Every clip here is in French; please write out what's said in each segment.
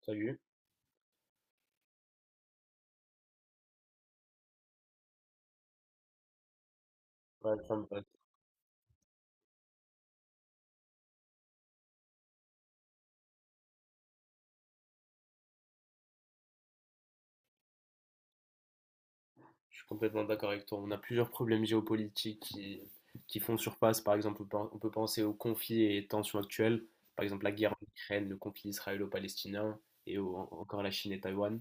Salut. Ouais, ça me va. Je suis complètement d'accord avec toi. On a plusieurs problèmes géopolitiques qui font surface. Par exemple, on peut penser aux conflits et tensions actuelles. Par exemple, la guerre en Ukraine, le conflit israélo-palestinien et encore la Chine et Taïwan.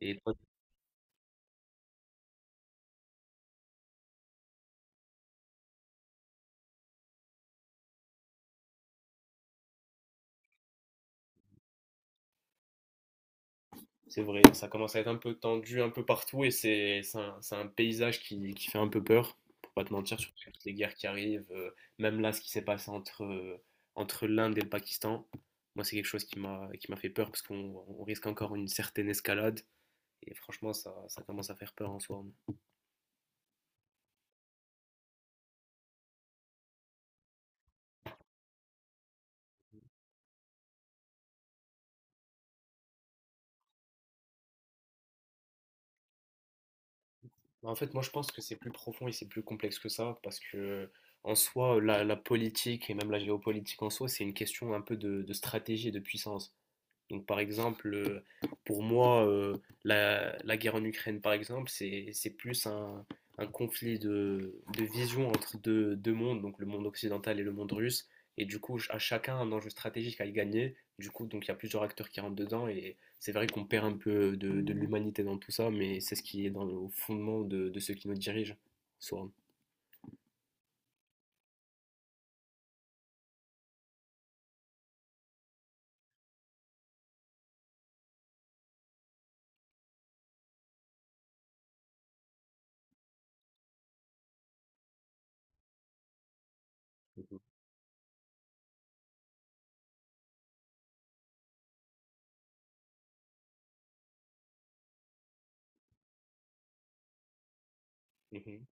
Et toi, c'est vrai, ça commence à être un peu tendu un peu partout et c'est un paysage qui fait un peu peur, pour pas te mentir, surtout avec toutes les guerres qui arrivent. Même là, ce qui s'est passé entre l'Inde et le Pakistan, moi, c'est quelque chose qui m'a fait peur parce qu'on risque encore une certaine escalade. Et franchement, ça commence à faire peur en soi. En fait, moi, je pense que c'est plus profond et c'est plus complexe que ça, parce que en soi, la politique et même la géopolitique en soi, c'est une question un peu de stratégie et de puissance. Donc, par exemple, pour moi, la guerre en Ukraine, par exemple, c'est plus un conflit de vision entre deux mondes, donc le monde occidental et le monde russe. Et du coup, à chacun un enjeu stratégique à y gagner. Du coup, donc il y a plusieurs acteurs qui rentrent dedans. Et c'est vrai qu'on perd un peu de l'humanité dans tout ça, mais c'est ce qui est dans le au fondement de ceux qui nous dirigent, soit. Mhm. Mhm.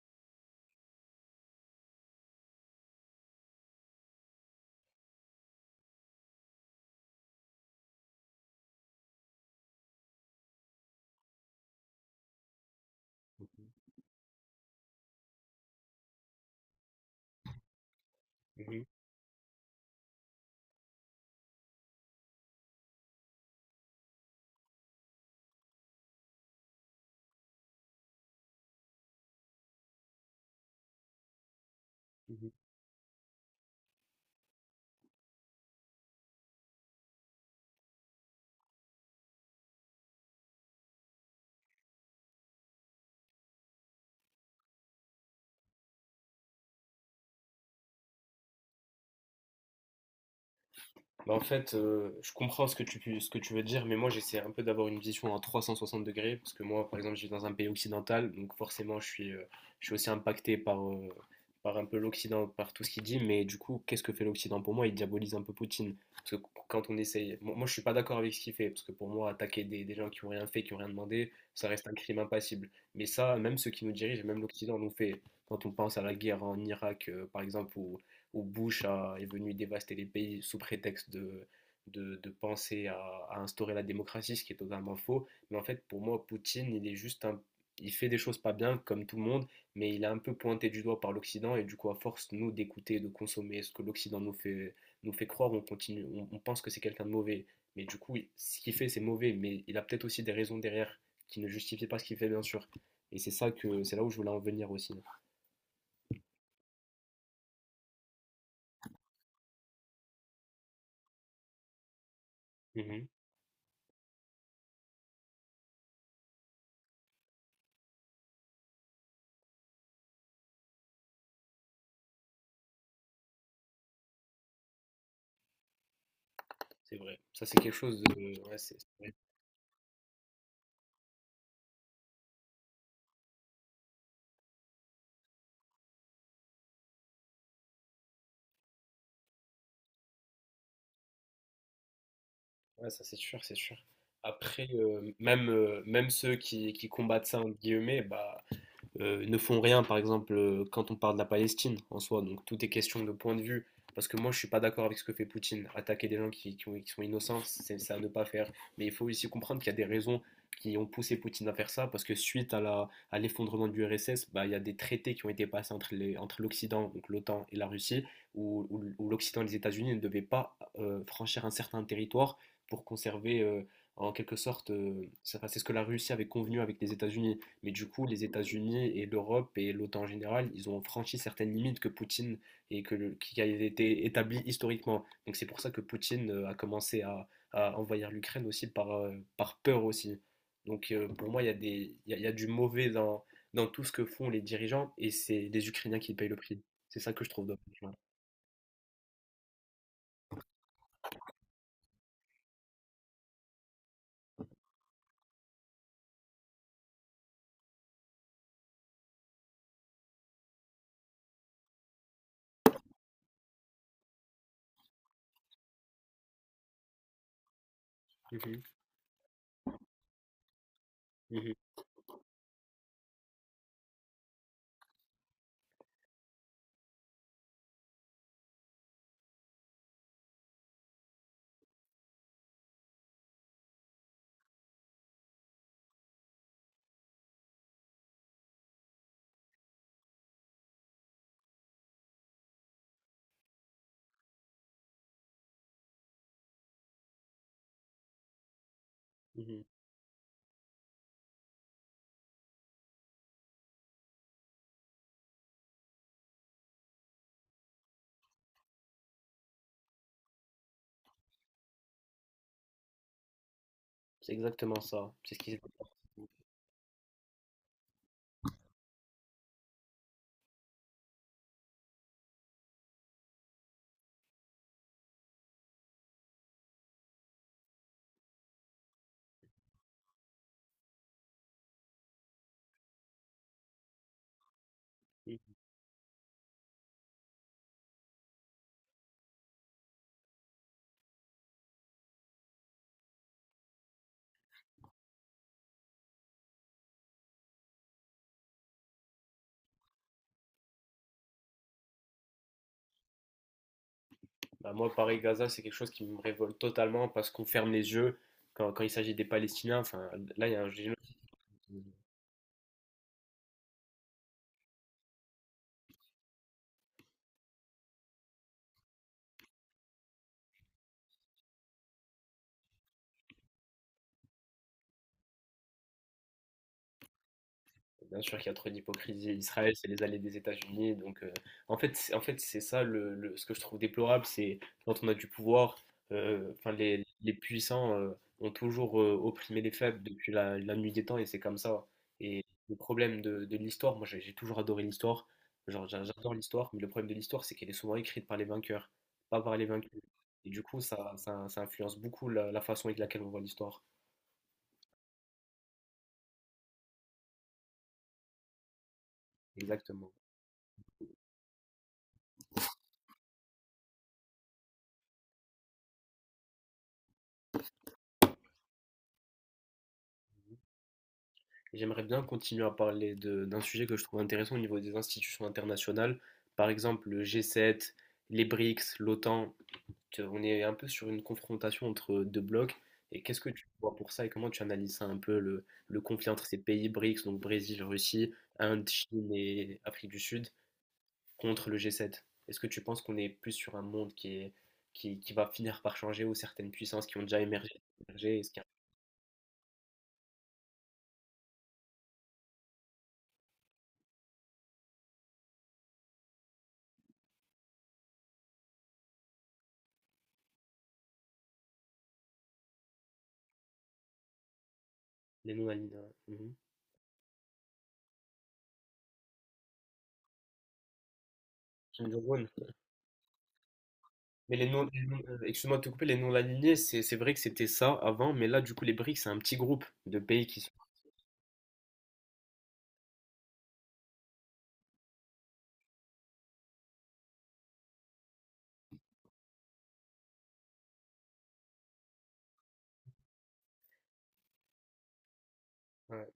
Mhm. Mhm. Bah, en fait, je comprends ce que tu veux dire, mais moi j'essaie un peu d'avoir une vision à 360 degrés, parce que moi, par exemple, je vis dans un pays occidental, donc forcément, je suis aussi impacté par un peu l'Occident, par tout ce qu'il dit, mais du coup, qu'est-ce que fait l'Occident pour moi? Il diabolise un peu Poutine, parce que quand on essaye, moi, je suis pas d'accord avec ce qu'il fait, parce que pour moi, attaquer des gens qui ont rien fait, qui ont rien demandé, ça reste un crime impassible. Mais ça, même ceux qui nous dirigent, même l'Occident nous fait, quand on pense à la guerre en Irak, par exemple, ou où Bush est venu dévaster les pays sous prétexte de penser à instaurer la démocratie, ce qui est totalement faux. Mais en fait, pour moi, Poutine, il est juste un. Il fait des choses pas bien, comme tout le monde, mais il est un peu pointé du doigt par l'Occident, et du coup, à force, nous, d'écouter, de consommer ce que l'Occident nous fait croire, on continue, on pense que c'est quelqu'un de mauvais. Mais du coup, ce qu'il fait, c'est mauvais, mais il a peut-être aussi des raisons derrière qui ne justifient pas ce qu'il fait, bien sûr. Et c'est là où je voulais en venir aussi. Mhm, c'est vrai. Ça, c'est quelque chose de. Ouais, ouais, ça c'est sûr, c'est sûr. Après, même ceux qui combattent ça, entre guillemets, bah, ne font rien, par exemple, quand on parle de la Palestine en soi. Donc tout est question de point de vue. Parce que moi, je ne suis pas d'accord avec ce que fait Poutine. Attaquer des gens qui sont innocents, c'est à ne pas faire. Mais il faut aussi comprendre qu'il y a des raisons qui ont poussé Poutine à faire ça. Parce que suite à l'effondrement du RSS, bah, il y a des traités qui ont été passés entre l'Occident, donc l'OTAN et la Russie, où l'Occident et les États-Unis ne devaient pas franchir un certain territoire pour conserver, en quelque sorte, c'est enfin, c'est ce que la Russie avait convenu avec les États-Unis. Mais du coup, les États-Unis et l'Europe et l'OTAN en général, ils ont franchi certaines limites que Poutine et que qui a été établi historiquement. Donc c'est pour ça que Poutine a commencé à envahir l'Ukraine aussi par peur aussi. Donc pour moi, il y a des, il y a du mauvais dans tout ce que font les dirigeants et c'est les Ukrainiens qui payent le prix. C'est ça que je trouve dommage. Ouais. Mhm, mhm, mhm. C'est exactement ça. C'est ce qui s'est passé. Bah, moi, Paris-Gaza, c'est quelque chose qui me révolte totalement parce qu'on ferme les yeux quand il s'agit des Palestiniens. Enfin, là, il y a un génocide. Bien sûr qu'il y a trop d'hypocrisie. Israël, c'est les allées des États-Unis. Donc, en fait, en fait, c'est ça ce que je trouve déplorable, c'est quand on a du pouvoir, enfin, les puissants ont toujours opprimé les faibles depuis la nuit des temps et c'est comme ça. Et le problème de l'histoire, moi j'ai toujours adoré l'histoire, genre j'adore l'histoire, mais le problème de l'histoire, c'est qu'elle est souvent écrite par les vainqueurs, pas par les vaincus. Et du coup, ça influence beaucoup la façon avec laquelle on voit l'histoire. Exactement. J'aimerais bien continuer à parler d'un sujet que je trouve intéressant au niveau des institutions internationales, par exemple le G7, les BRICS, l'OTAN. On est un peu sur une confrontation entre deux blocs. Et qu'est-ce que tu vois pour ça et comment tu analyses ça un peu le conflit entre ces pays BRICS, donc Brésil, Russie, Inde, Chine et Afrique du Sud, contre le G7? Est-ce que tu penses qu'on est plus sur un monde qui va finir par changer ou certaines puissances qui ont déjà émergé, est-ce qu'il y a les non-alignés? Mhm. Mais les non- excuse-moi de te couper, les non-alignés, c'est vrai que c'était ça avant, mais là, du coup, les BRICS, c'est un petit groupe de pays qui sont. Ouais.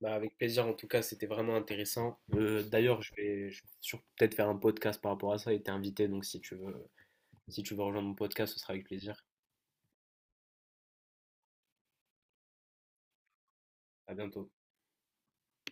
Bah, avec plaisir, en tout cas, c'était vraiment intéressant. D'ailleurs, peut-être faire un podcast par rapport à ça et t'es invité, donc si tu veux rejoindre mon podcast, ce sera avec plaisir. À bientôt.